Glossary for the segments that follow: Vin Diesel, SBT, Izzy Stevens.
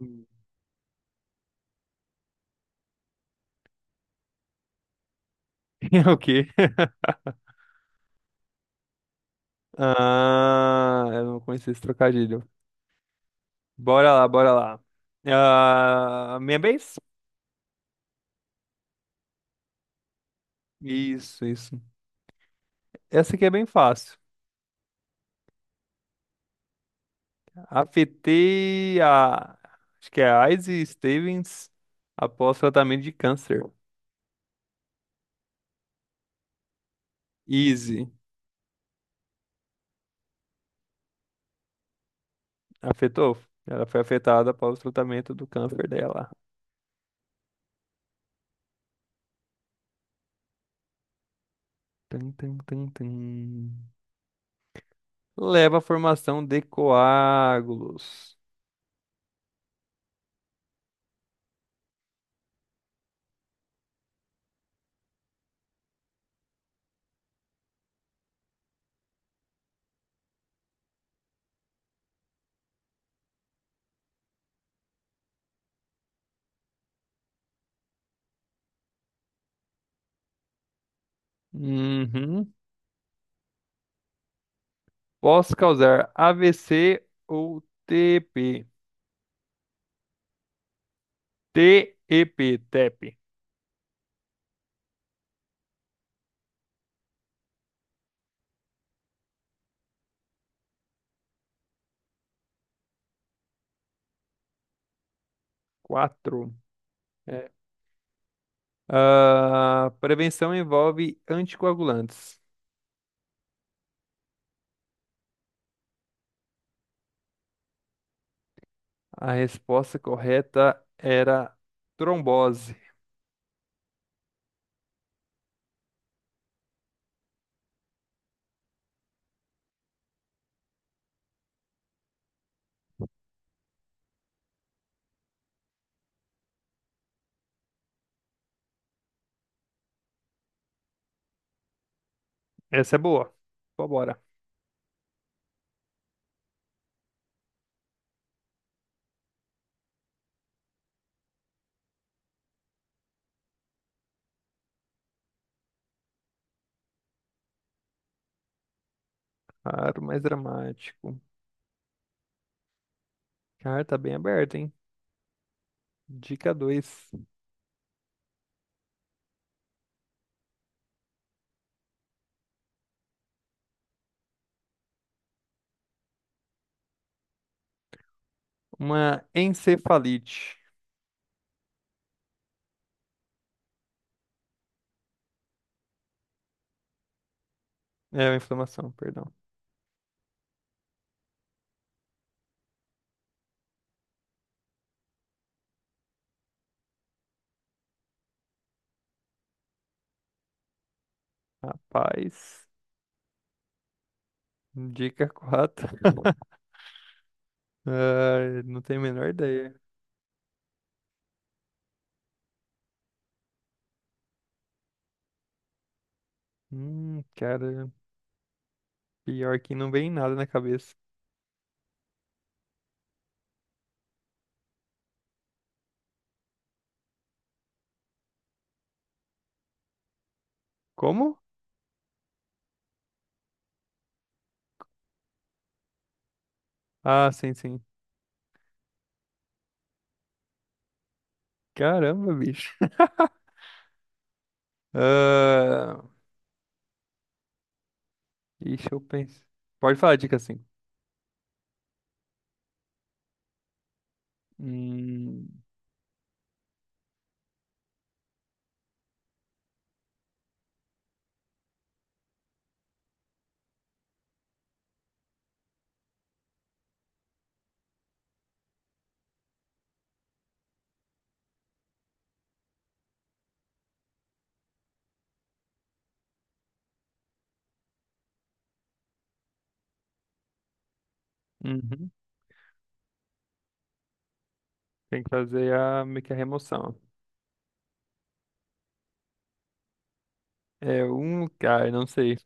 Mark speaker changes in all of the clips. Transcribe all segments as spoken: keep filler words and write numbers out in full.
Speaker 1: É o quê? Ah, eu não conheci esse trocadilho. Bora lá, bora lá. Ah, minha vez? Isso, isso. Essa aqui é bem fácil. Afetei a. Acho que é a Izzy Stevens após tratamento de câncer. Easy. Afetou? Ela foi afetada após o tratamento do câncer dela. Tum, tum, tum, tum. Leva à formação de coágulos. Uhum. Posso causar AVC ou TP. TEP, TEP. Quatro. É. Ah, prevenção envolve anticoagulantes. A resposta correta era trombose. Essa é boa. Vambora. Claro, mais dramático. Cara, tá bem aberto, hein? Dica dois. Uma encefalite. É uma inflamação, perdão. Rapaz, dica quatro. Ah, não tenho a menor ideia. Hum, cara, pior que não vem nada na cabeça. Como? Ah, sim, sim. Caramba, bicho. Ah, deixa eu penso. Pode falar, a dica cinco. Hum, uhum. Tem que fazer a, meio que a remoção. É um, cara, não sei.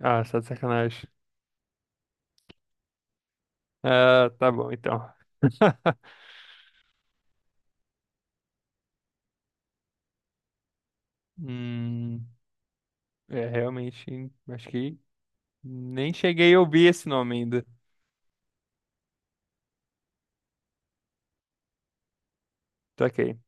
Speaker 1: Ah, só de sacanagem. Ah, tá bom, então. Hum, é, realmente, acho que nem cheguei a ouvir esse nome ainda. Tá ok.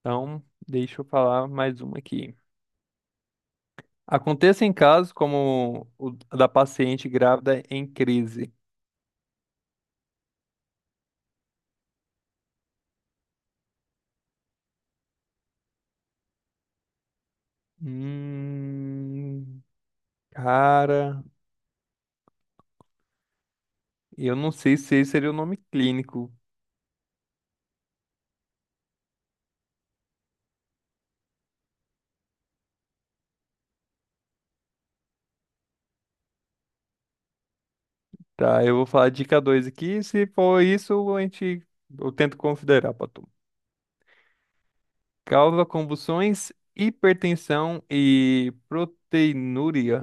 Speaker 1: Então, deixa eu falar mais uma aqui. Aconteça em casos como o da paciente grávida em crise. Hum, cara, eu não sei se esse seria o nome clínico. Tá, eu vou falar dica dois aqui. Se for isso, a gente, eu tento considerar pra tu. Causa convulsões, hipertensão e proteinúria.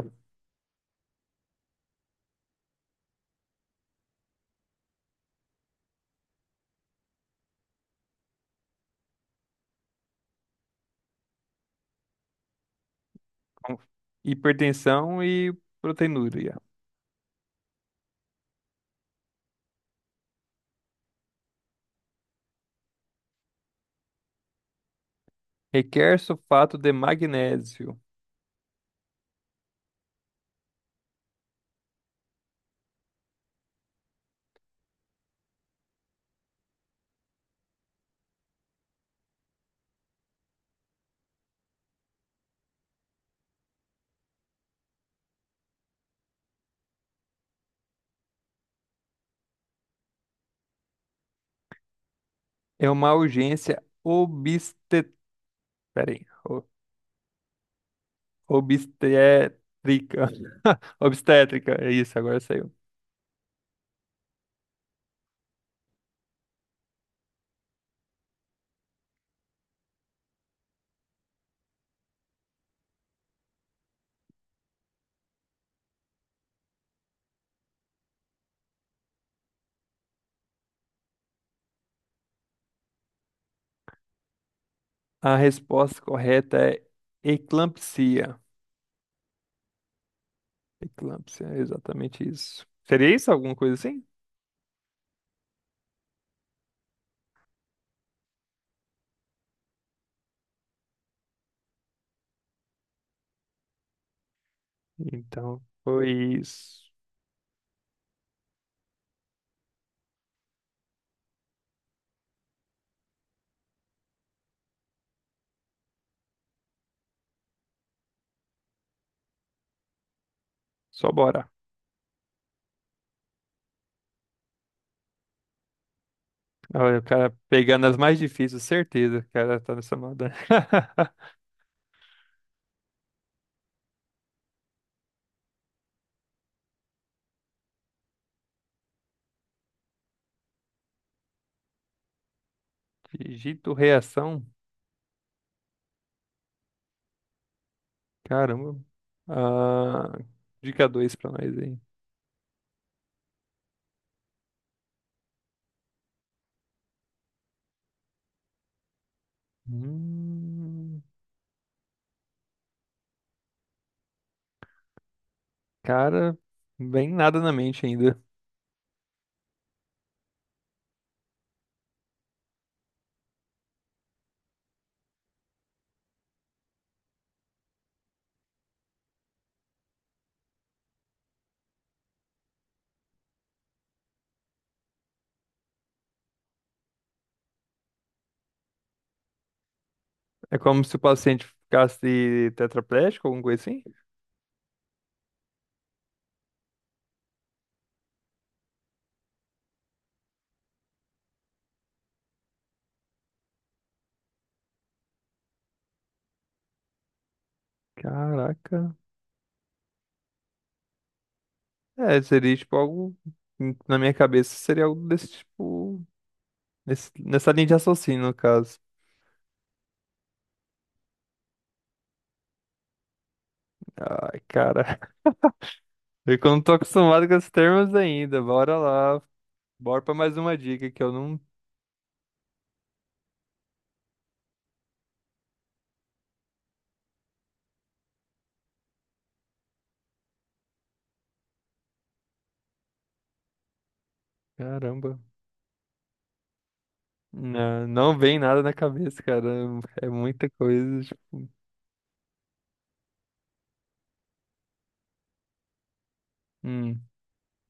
Speaker 1: Com hipertensão e proteinúria. Requer sulfato de magnésio. É uma urgência obstet... Peraí. o- Obstétrica. Obstétrica, é isso, agora saiu. A resposta correta é eclampsia. Eclampsia, é exatamente isso. Seria isso? Alguma coisa assim? Então, foi isso. Só bora. Olha, o cara pegando as mais difíceis, certeza. O cara tá nessa moda. Digito reação. Caramba. Ah, dica dois pra nós aí. Hum, cara, bem nada na mente ainda. É como se o paciente ficasse tetraplégico, alguma coisa assim? Caraca. É, seria tipo algo. Na minha cabeça seria algo desse tipo, nesse- nessa linha de raciocínio, no caso. Ai, cara. Eu que não tô acostumado com esses termos ainda. Bora lá. Bora pra mais uma dica que eu não. Caramba. Não, não vem nada na cabeça, cara. É muita coisa, tipo. Hum,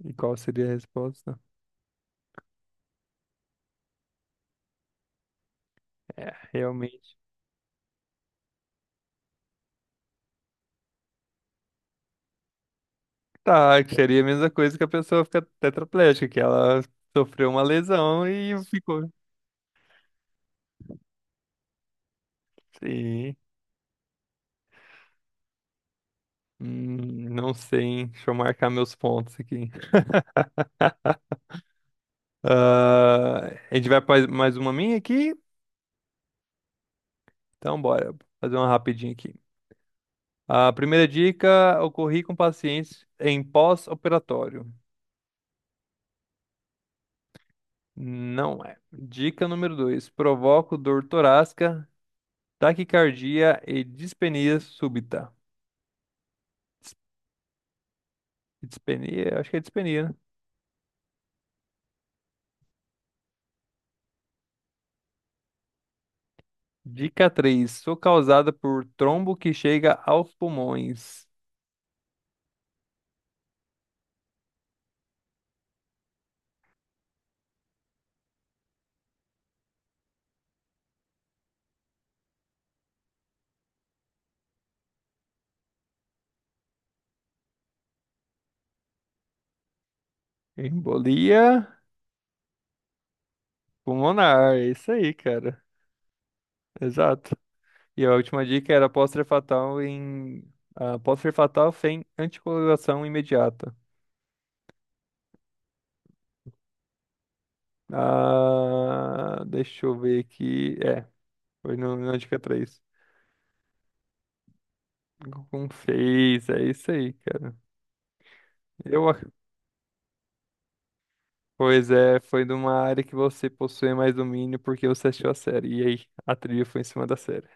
Speaker 1: e qual seria a resposta? É, realmente. Tá, que seria a mesma coisa que a pessoa fica tetraplégica, que ela sofreu uma lesão e ficou. Sim. Hum, não sei, hein? Deixa eu marcar meus pontos aqui. Ah, a gente vai fazer mais uma minha aqui? Então, bora. Fazer uma rapidinha aqui. A primeira dica: ocorri com pacientes em pós-operatório. Não é. Dica número dois: provoca dor torácica, taquicardia e dispenia súbita. Dis- Dispenia, acho que é dispenia, né? Dica três: sou causada por trombo que chega aos pulmões. Embolia pulmonar. É isso aí, cara. Exato. E a última dica era pode ser fatal em ah, pode ser fatal sem anticoagulação imediata. Ah, deixa eu ver aqui. É, foi no, na dica três. Com fez, é isso aí, cara. Eu, ac- Pois é, foi de uma área que você possui mais domínio porque você assistiu a série. E aí, a trilha foi em cima da série.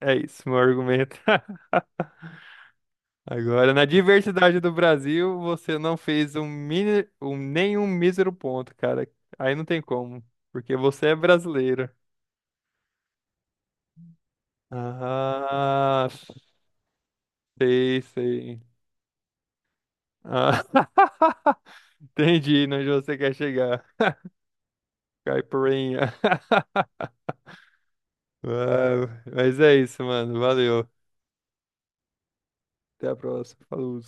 Speaker 1: É isso, meu argumento. Agora, na diversidade do Brasil, você não fez um mini, um, nenhum mísero ponto, cara. Aí não tem como, porque você é brasileiro. Ah, sei, sei. Ah, entendi, né, onde você quer chegar, caipirinha. Ah, mas é isso, mano. Valeu. Até a próxima. Falou.